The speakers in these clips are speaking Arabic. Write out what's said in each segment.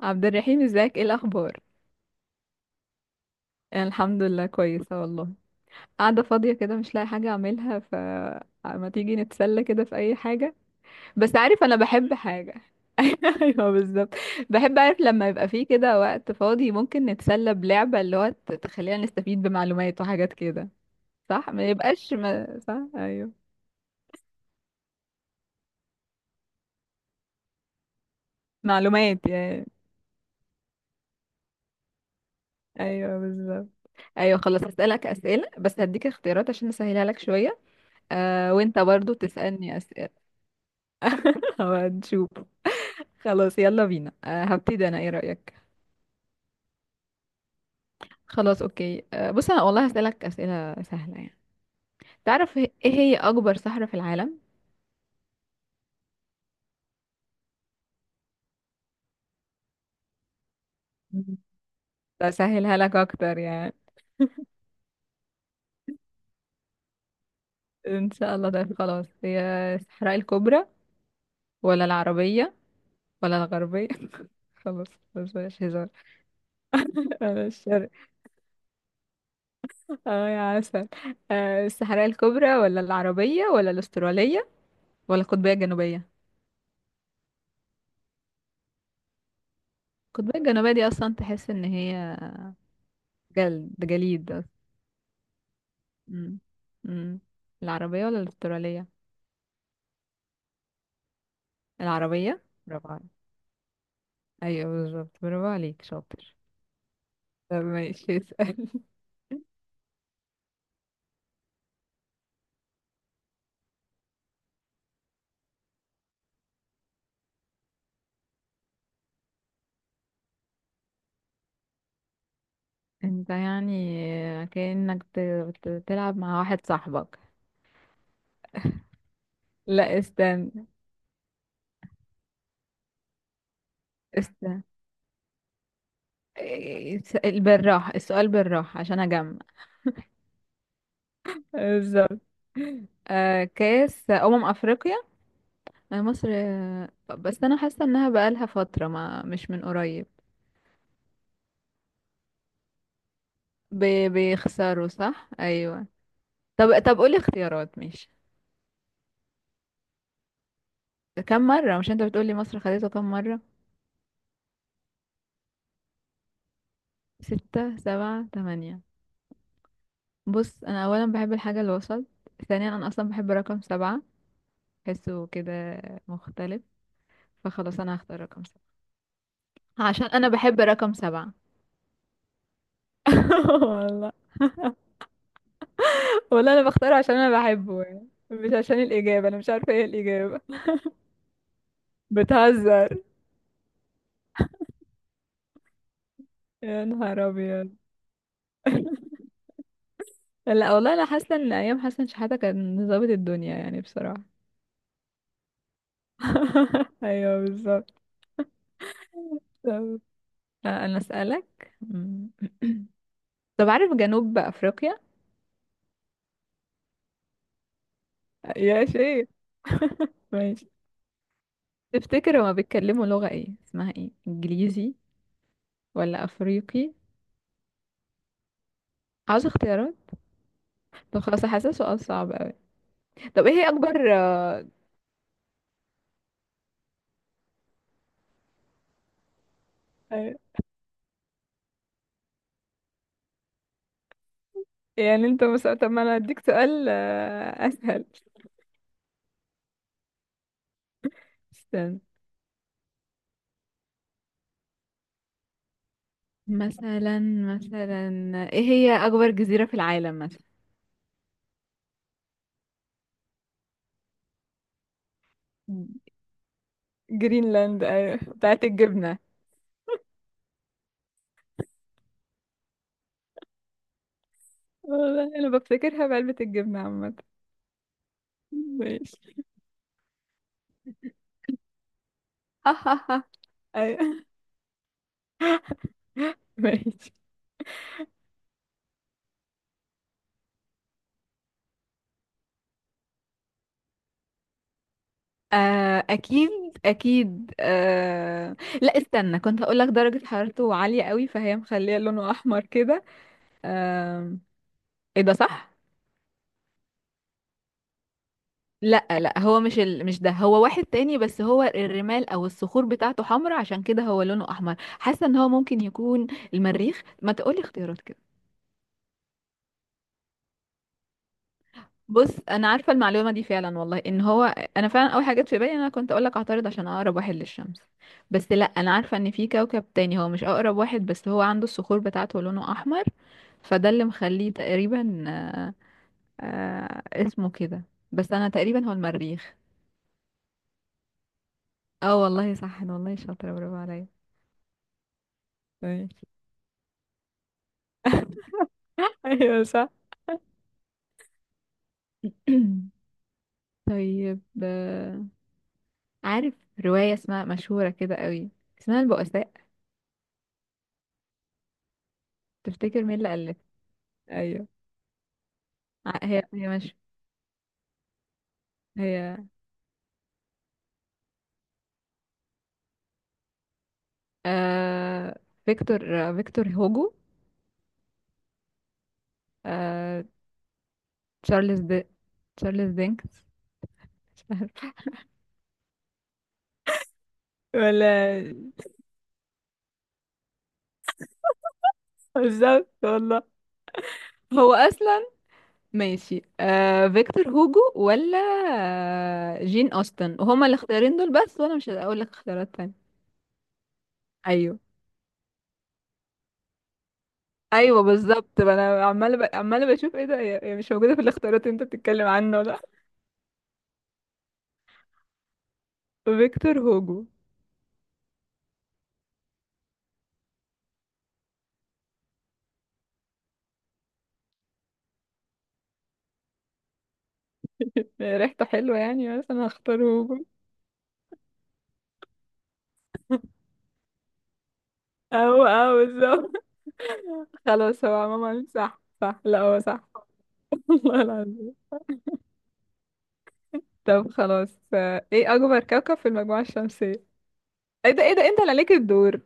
عبد الرحيم، ازيك؟ ايه الاخبار؟ انا الحمد لله كويسه والله. قاعده فاضيه كده، مش لاقي حاجه اعملها، ف... ما تيجي نتسلى كده في اي حاجه؟ بس عارف، انا بحب حاجه. ايوه، بالظبط. بحب اعرف لما يبقى فيه كده وقت فاضي ممكن نتسلى بلعبه اللي هو تخلينا نستفيد بمعلومات وحاجات كده. صح، ما يبقاش ما... صح، ايوه. معلومات يعني. ايوه، بالظبط. ايوه خلاص، هسألك اسئله، بس هديك اختيارات عشان اسهلها لك شويه. آه، وانت برضو تسألني اسئله. هنشوف. خلاص، يلا بينا، هبتدي انا. ايه رأيك؟ خلاص، اوكي. بص، انا والله هسألك أسئلة سهلة يعني. تعرف ايه هي اكبر صحراء في العالم؟ مم. بسهلها لك اكتر يعني. ان شاء الله، ده خلاص، هي الصحراء الكبرى ولا العربية ولا الغربية؟ خلاص، بس بلاش هزار. ولا الشرق؟ اه يا عسل. الصحراء الكبرى ولا العربية ولا الأسترالية ولا القطبية الجنوبية؟ القطبية الجنوبية دي أصلا تحس إن هي جلد جليد. مم. مم. العربية ولا الأسترالية؟ العربية، برافو عليك. أيوة بالظبط، برافو عليك شاطر. طب ماشي، اسأل. انت يعني كأنك بتلعب مع واحد صاحبك. لا، استنى. استنى. بالراحة السؤال، بالراحة عشان أجمع. بالظبط. آه، كأس أمم أفريقيا. آه، مصر، بس أنا حاسة إنها بقالها فترة، ما مش من قريب. بيخسروا صح؟ أيوة. طب، قولي اختيارات، ماشي. كم مرة؟ مش انت بتقولي مصر خدته كم مرة؟ ستة، سبعة، تمانية. بص، انا اولا بحب الحاجة الوسط. ثانيا، انا اصلا بحب رقم سبعة. بحسه كده مختلف. فخلاص، انا هختار رقم سبعة. عشان انا بحب رقم سبعة. والله. والله انا بختاره عشان انا بحبه يعني، مش عشان الاجابة. انا مش عارفة ايه الاجابة. بتهزر؟ يا نهار ابيض. لا والله، انا حاسة ان ايام حسن شحاتة كان ظابط الدنيا يعني، بصراحة. ايوه، بالظبط. طب انا اسالك. طب عارف جنوب افريقيا؟ يا شيخ. ماشي. تفتكر هما بيتكلموا لغة ايه؟ اسمها ايه، انجليزي ولا افريقي؟ عاوز اختيارات؟ طب خلاص، حاسس سؤال صعب قوي. طب ايه هي اكبر آه، يعني انت مثلا، طب، ما انا هديك سؤال اسهل. استنى. مثلا مثلا. ايه هي اكبر جزيرة في العالم مثلا؟ جرينلاند، ايوه، بتاعت الجبنة. والله انا بفتكرها بعلبة الجبنة عامة. ماشي. ايوه، ماشي. آه اكيد. اكيد آه. لا، استنى، كنت هقول لك درجة حرارته عالية قوي فهي مخليه لونه احمر كده. آه. ايه ده؟ صح. لا لا، هو مش مش ده، هو واحد تاني، بس هو الرمال او الصخور بتاعته حمراء عشان كده هو لونه احمر، حاسه ان هو ممكن يكون... المريخ. ما تقولي اختيارات. بص، انا عارفه المعلومه دي فعلا والله، ان هو... انا فعلا اول حاجه جت في بالي إن انا كنت اقول لك اعترض عشان اقرب واحد للشمس. بس لا، انا عارفه ان في كوكب تاني، هو مش اقرب واحد، بس هو عنده الصخور بتاعته لونه احمر. فده اللي مخليه تقريبا آه اسمه كده. بس انا تقريبا، هو المريخ. اه والله صح، أنا والله شاطره، برافو عليا. طيب. ايوه صح. طيب، عارف روايه اسمها مشهوره كده قوي، اسمها البؤساء؟ تفتكر مين اللي ألفها؟ ايوه. هي، ماشي. هي. آه، فيكتور هوجو. آه، تشارلز دي تشارلز دينكس. مش عارفة. ولا... بالظبط والله. هو اصلا... ماشي، فيكتور هوجو، ولا آه، جين اوستن؟ وهما الاختيارين دول بس، وانا مش هقول لك اختيارات تانية. ايوه. ايوه بالظبط، ما انا عماله عماله بشوف ايه ده، هي مش موجوده في الاختيارات اللي انت بتتكلم عنه، ولا... فيكتور هوجو. ريحته حلوه يعني، بس انا هختار هوجو. او، بالظبط. خلاص، هو عموما صح صح، لا هو صح. والله العظيم. طب خلاص، ايه اكبر كوكب في المجموعة الشمسية؟ ايه ده، ايه ده، انت اللي عليك الدور.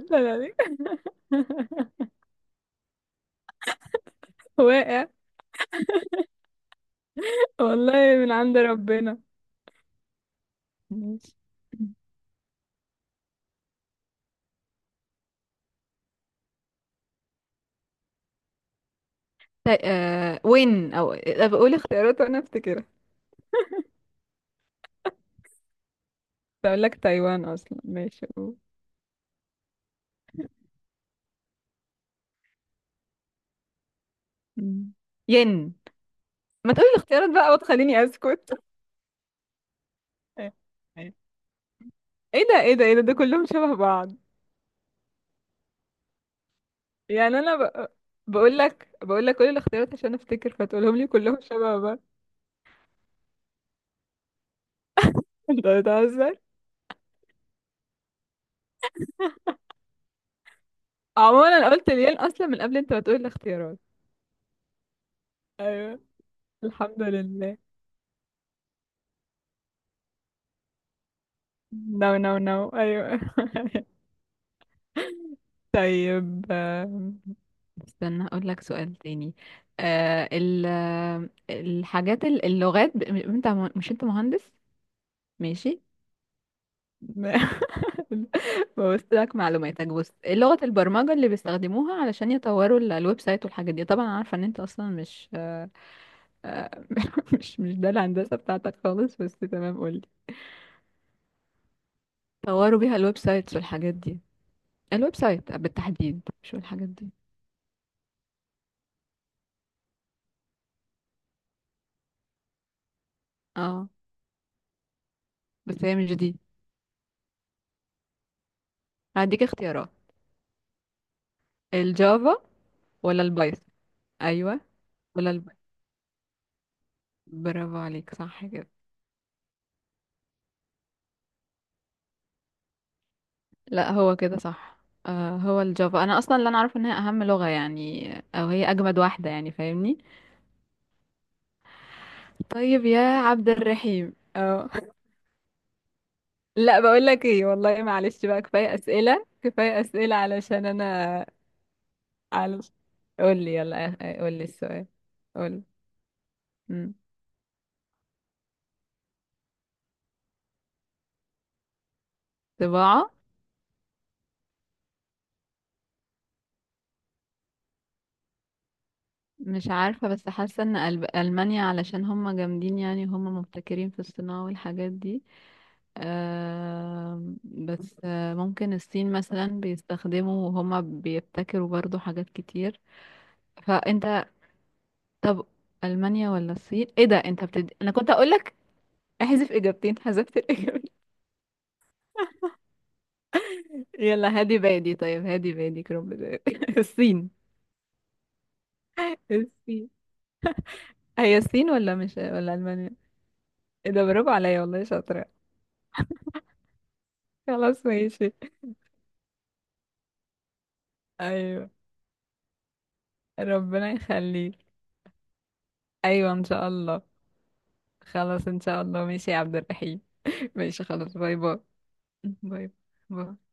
انت اللي عليك. واقع. والله من عند ربنا. ماشي. طيب آه وين او آه، بقول اختيارات وانا افتكرها. كنت اقول لك تايوان اصلا. ماشي، قول. مم. ين. ما تقولي الاختيارات بقى وتخليني اسكت. ايه، إيه ده، ايه ده، ايه ده كلهم شبه بعض. يعني انا بقول لك كل الاختيارات عشان افتكر، فتقولهم لي كلهم شبه بعض. انت بتهزر. عموما انا قلت الين اصلا من قبل انت ما تقول الاختيارات. ايوه. الحمد لله. نو نو نو، ايوه. طيب، استنى اقول لك سؤال تاني. آه ال... آه، الحاجات اللغات انت مش، انت مهندس؟ ماشي. ببص لك معلوماتك، بص، إيه لغة البرمجة اللي بيستخدموها علشان يطوروا الويب سايت والحاجات دي؟ طبعا عارفة ان انت اصلا مش آه، مش ده الهندسة بتاعتك خالص، بس تمام، قولي. طوروا بيها الويب سايتس والحاجات دي. الويب سايت بالتحديد، مش الحاجات دي. اه، بس هي مش دي. هديك اختيارات. الجافا ولا البايثون؟ ايوه. ولا برافو عليك، صح كده. لا، هو كده صح. آه، هو الجافا، انا اصلا اللي انا عارفه ان هي اهم لغه يعني، او هي اجمد واحده يعني، فاهمني. طيب يا عبد الرحيم، اه. لا بقول لك ايه، والله معلش بقى، كفايه اسئله كفايه اسئله علشان انا... على. قول لي يلا. قول لي السؤال. قول لي. مش عارفة، بس حاسة ان ألمانيا علشان هم جامدين يعني، هم مبتكرين في الصناعة والحاجات دي. بس ممكن الصين مثلا بيستخدموا وهما بيبتكروا برضو حاجات كتير. فانت. طب. ألمانيا ولا الصين؟ ايه ده، انت انا كنت اقولك احذف اجابتين، حذفت الاجابتين. يلا هادي بادي، طيب هادي بادي رب ده. الصين. الصين. هي الصين، ولا مش، ولا ألمانيا؟ ايه ده، برافو عليا والله، شاطرة. خلاص ماشي. ايوه. ربنا يخليك. ايوه، ان شاء الله. خلاص، ان شاء الله، ماشي يا عبد الرحيم. ماشي خلاص، باي باي. باي باي.